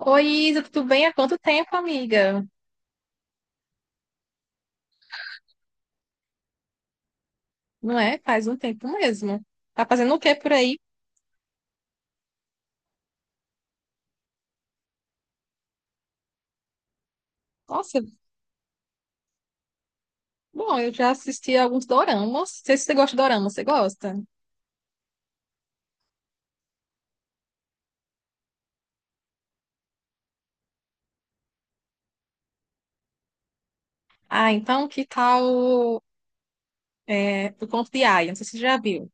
Oi, Isa, tudo bem? Há quanto tempo, amiga? Não é? Faz um tempo mesmo. Tá fazendo o que por aí? Nossa, bom, eu já assisti alguns doramas. Não sei se você gosta de dorama, você gosta? Ah, então que tal O Conto de Aia? Não sei se você já viu.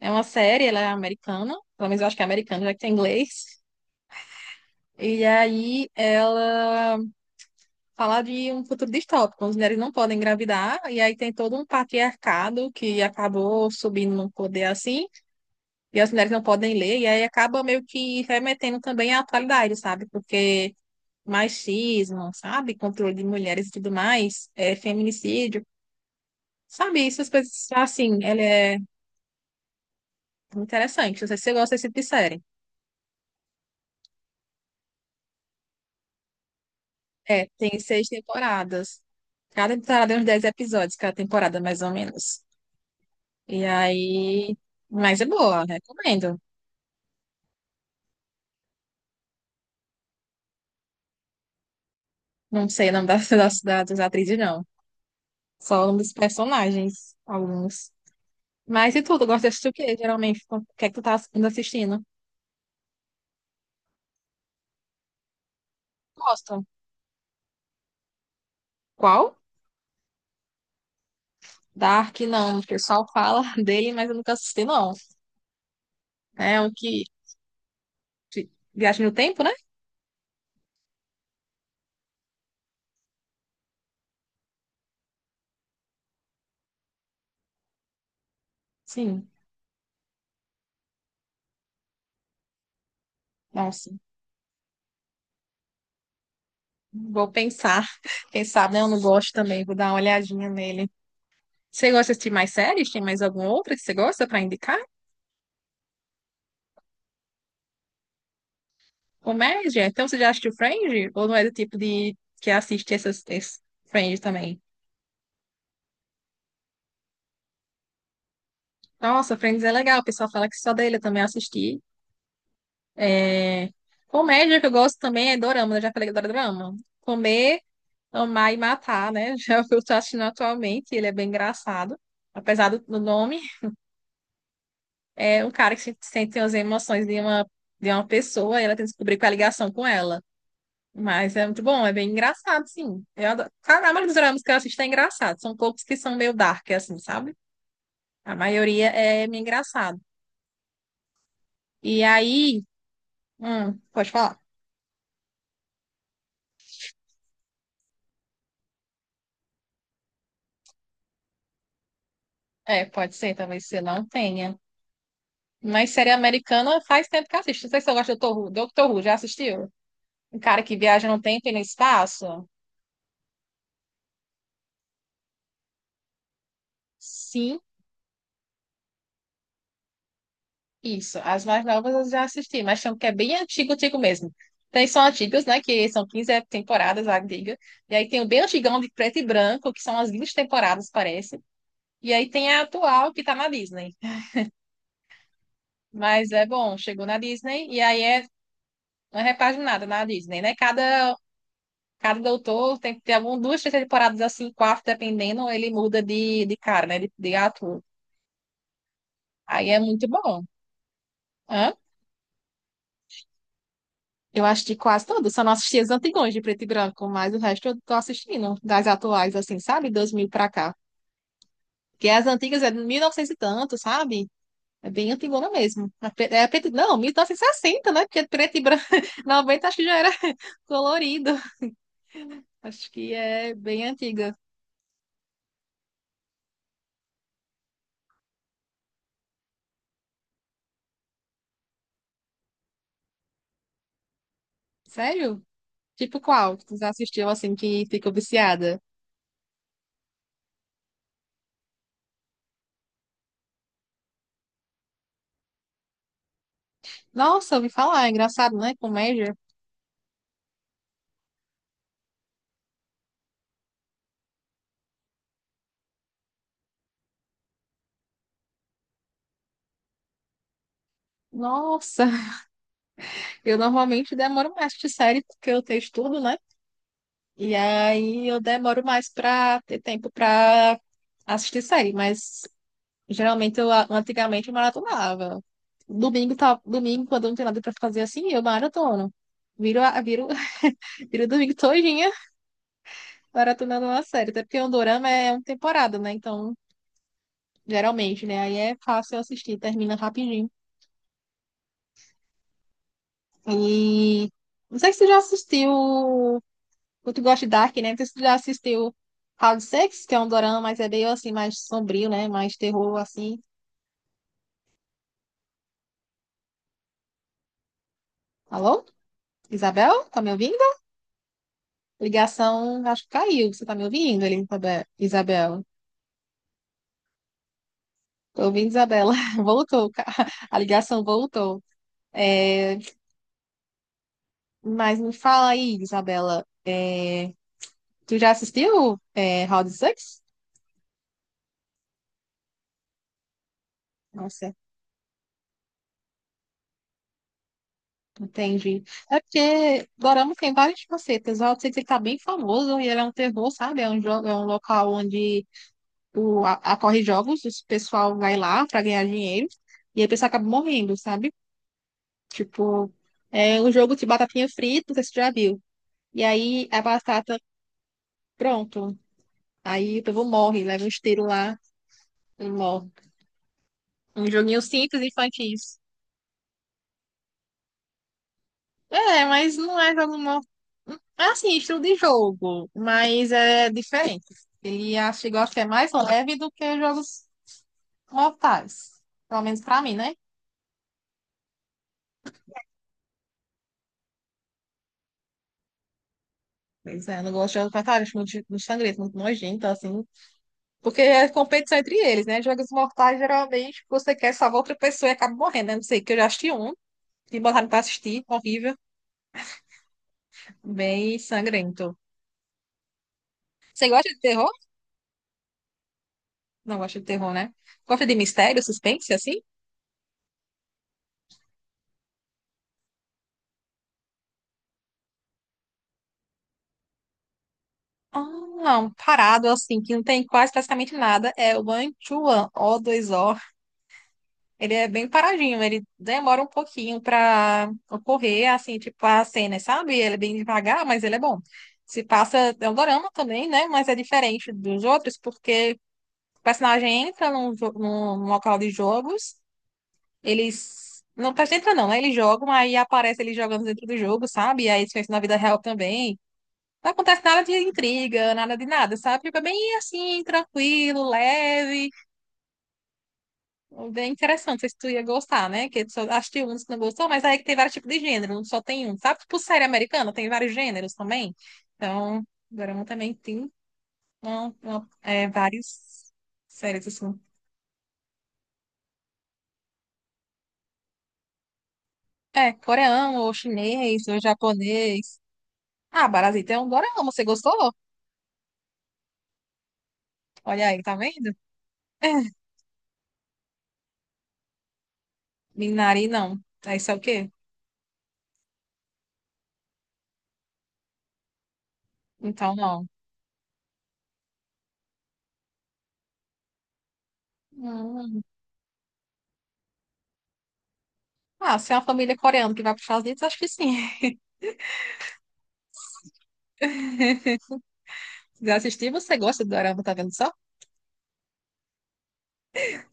É uma série, ela é americana, pelo menos eu acho que é americana, já que tem inglês. E aí ela fala de um futuro distópico, onde as mulheres não podem engravidar, e aí tem todo um patriarcado que acabou subindo no poder assim. E as mulheres não podem ler, e aí acaba meio que remetendo também à atualidade, sabe? Porque machismo, sabe? Controle de mulheres e tudo mais, é, feminicídio, sabe? Essas coisas, assim, ela é interessante. Não sei se você gosta desse tipo de série. É, tem 6 temporadas. Cada temporada tem uns 10 episódios, cada temporada, mais ou menos. E aí. Mas é boa, recomendo. Não sei o nome das atrizes, não. Só o nome dos personagens, alguns. Mas e tu, tu gosta de assistir o quê, geralmente? O que é que tu tá assistindo? Gosta. Qual? Dark, não. O pessoal fala dele, mas eu nunca assisti, não. É o que... Viagem no tempo, né? Sim. Nossa. Vou pensar. Quem sabe, né? Eu não gosto também. Vou dar uma olhadinha nele. Você gosta de assistir mais séries? Tem mais alguma outra que você gosta pra indicar? Comédia? Então você já assistiu Friends? Ou não é do tipo de... que assiste essas... esse Friends também? Nossa, Friends é legal. O pessoal fala que só dele eu também assisti. É, comédia que eu gosto também é dorama, né? Já falei que eu adoro dorama. Comer, amar e matar, né? Já é o que eu estou assistindo atualmente, ele é bem engraçado. Apesar do nome, é um cara que sente as emoções de uma pessoa e ela tem que descobrir qual é a ligação com ela. Mas é muito bom, é bem engraçado, sim. Eu adoro. A maioria dos dramas que eu assisto é engraçado. São poucos que são meio dark, assim, sabe? A maioria é meio engraçado. E aí, pode falar? É, pode ser, talvez você não tenha. Mas série americana faz tempo que eu assisto. Não sei se eu gosto do Doctor Who. Dr. Who, já assistiu? Um cara que viaja no tempo e no espaço? Sim, isso. As mais novas eu já assisti, mas tem um que é bem antigo, antigo mesmo. Tem são antigas, né? Que são 15 temporadas, a diga. E aí tem o bem antigão de preto e branco, que são as 20 temporadas, parece. E aí tem a atual, que tá na Disney. Mas é bom, chegou na Disney e aí é uma repaginada na Disney, né? Cada doutor tem que ter algumas duas, três temporadas assim, quatro, dependendo, ele muda de cara, né? De ator. Aí é muito bom. Hã? Eu assisti quase todas, só não assisti as antigões de preto e branco, mas o resto eu tô assistindo, das atuais, assim, sabe? 2000 pra cá. Porque as antigas é de 1900 e novecentos e tanto, sabe? É bem antigona mesmo. É é preto, não, 1960, né? Porque preto e branco, 90 acho que já era colorido. Acho que é bem antiga. Sério? Tipo qual que tu já assistiu, assim, que ficou viciada? Nossa, ouvi falar, é engraçado, né? Comédia. Nossa, eu normalmente demoro mais de série porque eu tenho estudo, né? E aí eu demoro mais pra ter tempo pra assistir série, mas geralmente antigamente eu maratonava. Domingo, tá, domingo, quando eu não tenho nada pra fazer assim, eu maratono. Viro, viro, viro o domingo todinha maratonando uma série, até porque o dorama é uma temporada, né? Então, geralmente, né? Aí é fácil assistir, termina rapidinho. E não sei se tu já assistiu. Tu gosta de Dark, né? Não sei se tu já assistiu House Sex, que é um dorama, mas é meio assim, mais sombrio, né? Mais terror, assim. Alô? Isabel? Tá me ouvindo? Ligação, acho que caiu. Você tá me ouvindo, Elizabeth? Isabel? Tô ouvindo, Isabela. Voltou. A ligação voltou. É, Mas me fala aí, Isabela. É, Tu já assistiu House Sex? Entendi. É porque Dorama tem várias facetas. O Route 66 tá bem famoso e ele é um terror, sabe? É um, jogo, é um local onde ocorre jogos, o pessoal vai lá pra ganhar dinheiro e aí o pessoal acaba morrendo, sabe? Tipo, é um jogo de batatinha frita, não sei se você já viu. E aí a batata, pronto. Aí o povo morre, leva um esteiro lá e morre. Um joguinho simples, infantil. É, mas não é jogo morto. É assim, estilo de jogo, mas é diferente. Ele acho que gosta que é mais leve do que jogos mortais. Pelo menos pra mim, né? Pois é, eu não gosto de jogos mortais, acho muito, muito sangrento, muito nojento, assim. Porque é competição entre eles, né? Jogos mortais, geralmente, você quer salvar outra pessoa e acaba morrendo, né? Não sei, que eu já assisti um, que botaram pra assistir, horrível, bem sangrento. Você gosta de terror? Não gosta de terror, né? Gosta de mistério, suspense, assim? Ah, um parado assim, que não tem quase praticamente nada, é o Manchuan, o dois o. Ele é bem paradinho, ele demora um pouquinho pra ocorrer, assim, tipo a cena, sabe? Ele é bem devagar, mas ele é bom. Se passa, é um dorama também, né? Mas é diferente dos outros, porque o personagem entra num, num local de jogos, eles. Não, o personagem entra não, né? Ele joga, aí aparece ele jogando dentro do jogo, sabe? E aí isso é na vida real também. Não acontece nada de intriga, nada de nada, sabe? Fica bem assim, tranquilo, leve, bem interessante. Não sei se tu ia gostar, né? Que tu só assistiu uns que não gostou, mas aí que tem vários tipos de gênero, não só tem um, sabe? Tipo série americana, tem vários gêneros também. Então, Dorama também tem várias séries assim. É, coreano, ou chinês, ou japonês. Ah, Parasita é um dorama, você gostou? Olha aí, tá vendo? Minari, não. Aí isso é o quê? Então, não. Hum. Ah, se é uma família coreana que vai para os Estados Unidos, acho que sim. Se quiser assistir, você gosta do dorama, tá vendo só?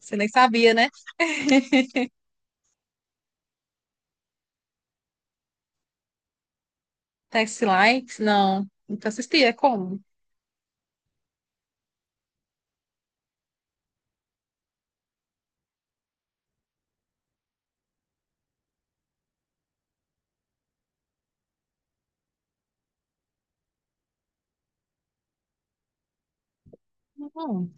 Você nem sabia, né? Taxi Likes, não. Nunca assisti, é como? Não,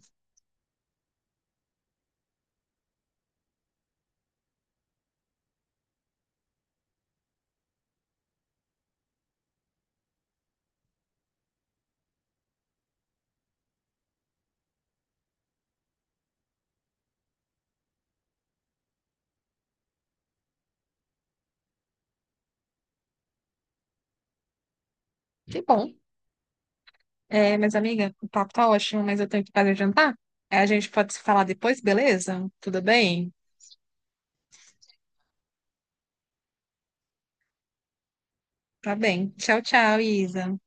que bom. É, mas amiga, o papo tá ótimo, mas eu tenho que fazer jantar. Aí a gente pode se falar depois, beleza? Tudo bem? Tá bem. Tchau, tchau, Isa.